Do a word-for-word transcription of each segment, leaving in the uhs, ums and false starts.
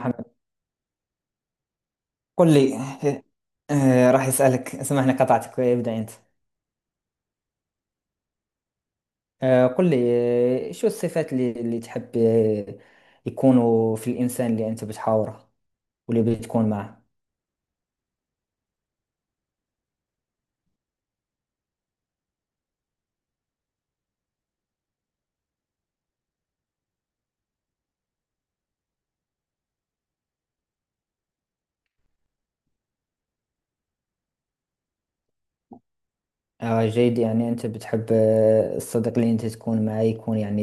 محمد، قل لي. آه، راح أسألك، سامحني قطعتك، ابدأ أنت. آه، قل لي. آه، شو الصفات اللي اللي تحب آه، يكونوا في الإنسان اللي أنت بتحاوره واللي بتكون معه. آه، جيد، يعني أنت بتحب آه، الصديق اللي أنت تكون معه يكون، يعني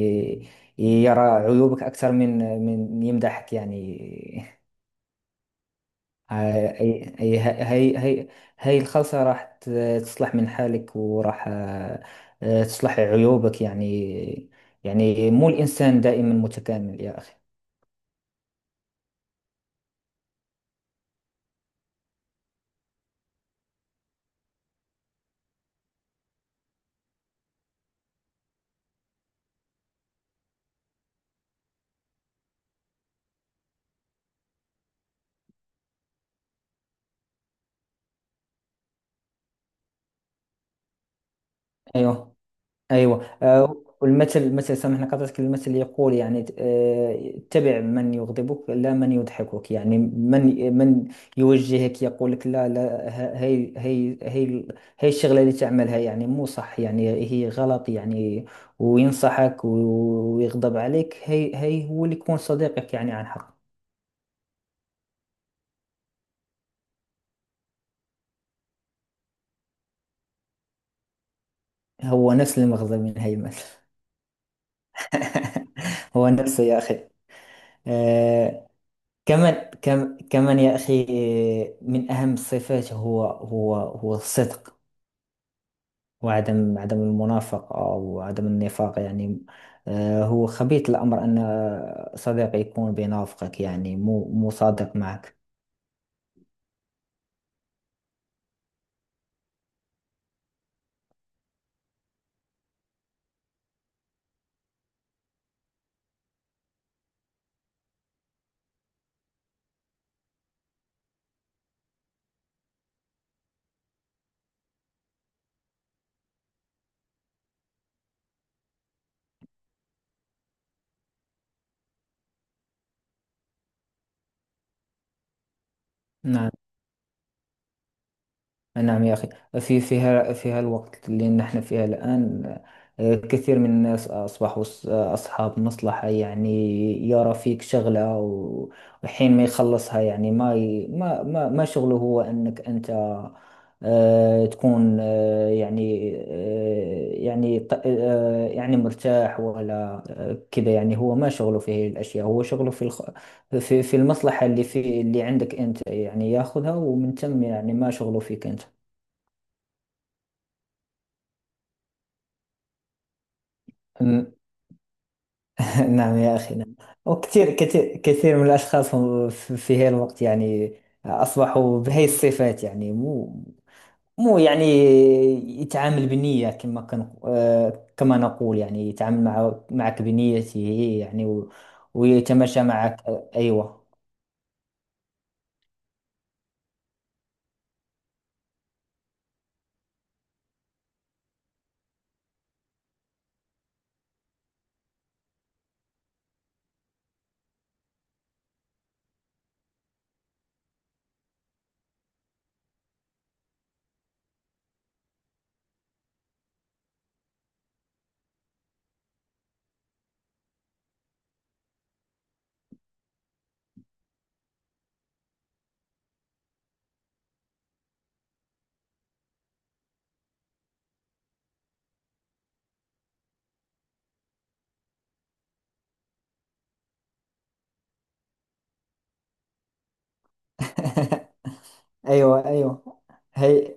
يرى عيوبك أكثر من من يمدحك يعني. هاي هاي هاي هاي هاي الخلطة راح ت- تصلح من حالك، وراح آه، آه، تصلح عيوبك يعني. يعني مو الإنسان دائما متكامل يا أخي. أيوه، ايوه آه، والمثل المثل سامحني قطعتك المثل يقول يعني آه، اتبع من يغضبك لا من يضحكك، يعني من من يوجهك، يقول لك لا لا ه- هي هي هي هي الشغله اللي تعملها يعني مو صح، يعني هي غلط يعني، وينصحك ويغضب عليك. هي هي هو اللي يكون صديقك يعني عن حق. هو نفس المغزى من هي المثل. هو نفسه يا اخي. آه، كمان كم كمان يا أخي، من أهم الصفات هو هو هو الصدق، وعدم عدم المنافقة، وعدم النفاق يعني. آه، هو خبيث الأمر أن صديق يكون بينافقك، يعني مو مو صادق معك. نعم، نعم يا أخي. في فيها فيها الوقت اللي نحن فيها الآن، آه، كثير من الناس أصبحوا أص- أصحاب مصلحة يعني، يرى فيك شغلة و- وحين ما يخلصها، يعني ما ي- ما ما, ما شغله هو أنك أنت آه، تكون آه، يعني آه، يعني ط- آه، يعني مرتاح، ولا آه، كذا، يعني هو ما شغله في هذه الأشياء، هو شغله في الخ... في في المصلحة اللي في اللي عندك أنت، يعني ياخذها، ومن ثم يعني ما شغله فيك أنت. ن- نعم يا أخي، نعم. وكثير كثير كثير من الأشخاص هم في في هذا الوقت، يعني أصبحوا بهي الصفات، يعني مو مو يعني يتعامل بنية، كما كان آه، كما نقول يعني، يتعامل مع معك بنيته هي، يعني و- ويتماشى معك. أيوة. أيوة، أيوة. هي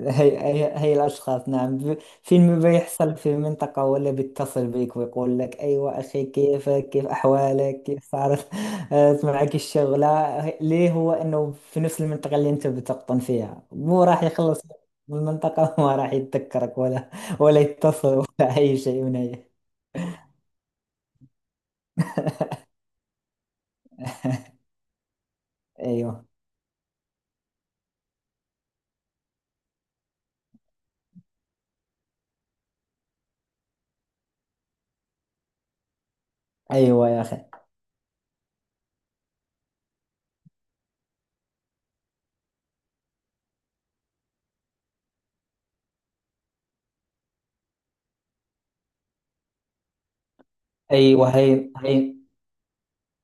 هي هي هي الأشخاص، نعم. ب- فيلم بيحصل في منطقة، ولا بيتصل بيك ويقول لك أيوة أخي، كيفك؟ كيف أحوالك؟ كيف صارت آه، معك الشغلة؟ هي- ليه؟ هو أنه في نفس المنطقة اللي أنت بتقطن فيها، مو راح يخلص من المنطقة وما راح يتذكرك ولا ولا يتصل ولا أي شيء من أي. أيوة، أيوة يا أخي، أيوة. هي هي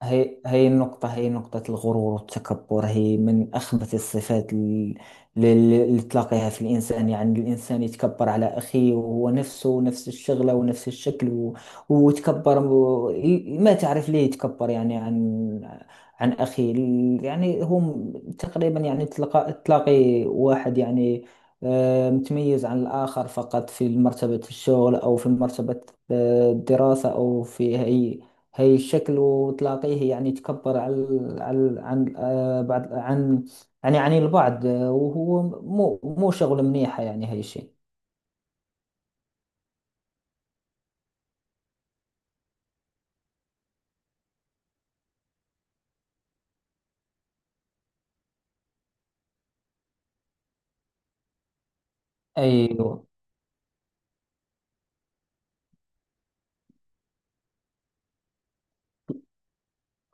هي هي النقطة، هي نقطة الغرور والتكبر، هي من أخبث الصفات ال- ال- اللي تلاقيها في الإنسان، يعني الإنسان يتكبر على أخيه، وهو نفسه نفس الشغلة ونفس الشكل و- ويتكبر و- ي- ما تعرف ليه يتكبر، يعني عن عن أخيه. ال- يعني هم تقريبا، يعني تلقى تلاقي واحد يعني آه، متميز عن الآخر فقط في مرتبة الشغل، أو في مرتبة آه، الدراسة، أو في هي هي الشكل، وتلاقيه يعني تكبر على ال- على ال- عن آه، بعض، عن يعني عن البعض، آه، وهو مو مو شغل منيحة، يعني هي الشيء. أيوة.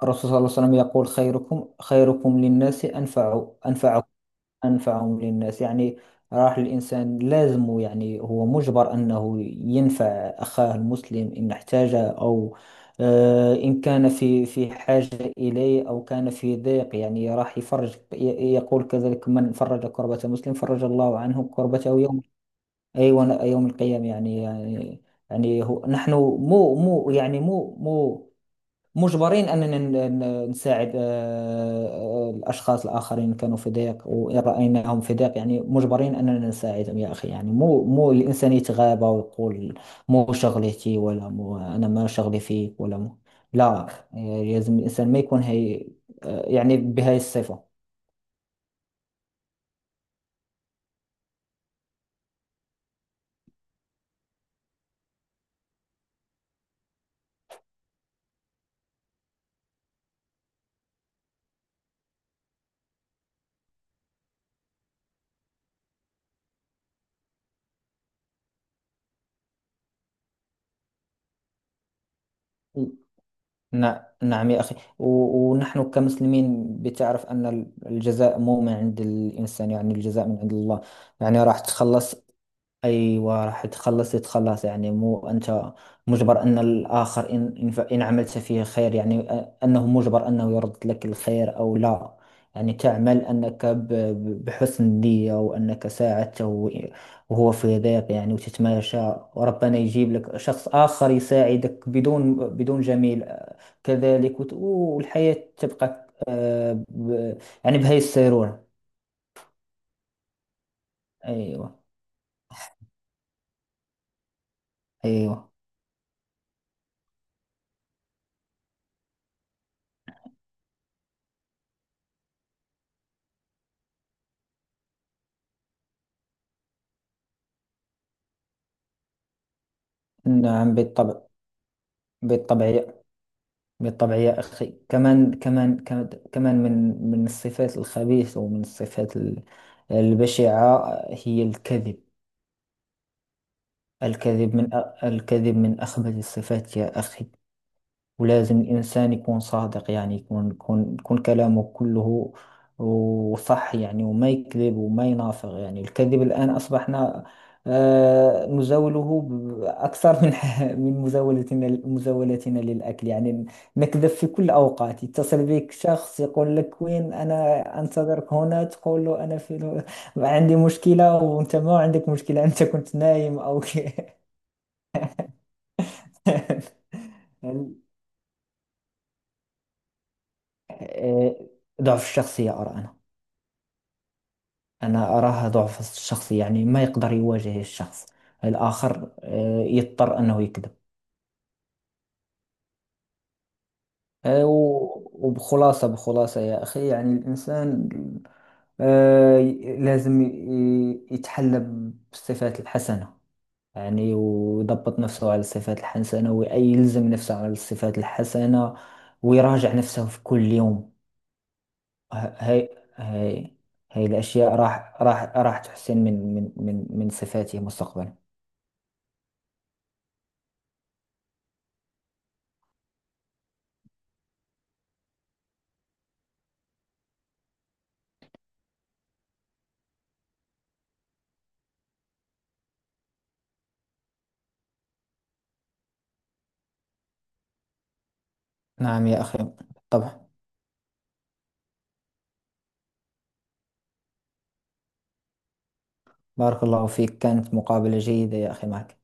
الرسول صلى الله عليه وسلم يقول: خيركم خيركم للناس أنفع، أنفعهم للناس يعني. راح الإنسان لازم، يعني هو مجبر أنه ينفع أخاه المسلم إن احتاج، أو آه، إن كان في في حاجة إليه، أو كان في ضيق. يعني راح يفرج، ي- يقول كذلك: من فرج كربة مسلم فرج الله عنه كربته يوم، أيوة، يوم القيامة يعني. يعني يعني هو نحن مو مو يعني مو مو مجبرين أننا ن- ن- نساعد آه، آه، الأشخاص الآخرين. كانوا في ضيق، وإن رأيناهم في ضيق، يعني مجبرين أننا نساعدهم يا أخي. يعني مو مو الإنسان يتغابى ويقول مو شغلتي، ولا مو أنا، ما شغلي فيك، ولا مو. لا، يعني لازم الإنسان ما يكون هي آه، يعني بهاي الصفة. نعم، نعم يا أخي. و- ونحن كمسلمين بتعرف أن الجزاء مو من عند الإنسان، يعني الجزاء من عند الله. يعني راح تخلص، أيوة راح تخلص، يتخلص. يعني مو أنت مجبر أن الآخر إن إن ف- إن عملت فيه خير، يعني أ- أنه مجبر أنه يرد لك الخير أو لا. يعني تعمل أنك ب- ب- بحسن نية، وأنك ساعدته وإ- وهو في ضيق، يعني، وتتماشى، وربنا يجيب لك شخص آخر يساعدك بدون بدون جميل آه، كذلك، وت- والحياة تبقى آه، ب- يعني بهي السيرورة. أيوة، أيوة. نعم بالطبع، بالطبع. بالطبع يا أخي. كمان، كمان، كمان، كمان من من الصفات الخبيثة، ومن الصفات ال- البشعة، هي الكذب. الكذب من أ- الكذب من أخبث الصفات يا أخي. ولازم الإنسان يكون صادق، يعني يكون يكون يكون كلامه كله وصح، يعني وما يكذب وما ينافق يعني. الكذب الآن أصبحنا آه، نزاوله ب- أكثر من من مزاولتنا مزاولتنا للأكل يعني. نكذب في كل أوقات. يتصل بك شخص يقول لك: وين أنا أنتظرك هنا؟ تقول له أنا في عندي مشكلة، وأنت ما عندك مشكلة، أنت كنت نايم أو ضعف الشخصية أرى، أنا أنا أراها ضعف الشخص. يعني ما يقدر يواجه الشخص الآخر، آه، يضطر أنه يكذب. آه، و- وبخلاصة، بخلاصة يا أخي، يعني الإنسان آه، لازم ي- يتحلى بالصفات الحسنة، يعني ويضبط نفسه على الصفات الحسنة، ويلزم نفسه على الصفات الحسنة، ويراجع نفسه في كل يوم. ه- هاي هاي هاي الأشياء راح راح راح تحسن من من من من صفاته مستقبلا. نعم يا أخي، طبعا. بارك الله فيك، كانت مقابلة جيدة يا أخي معك.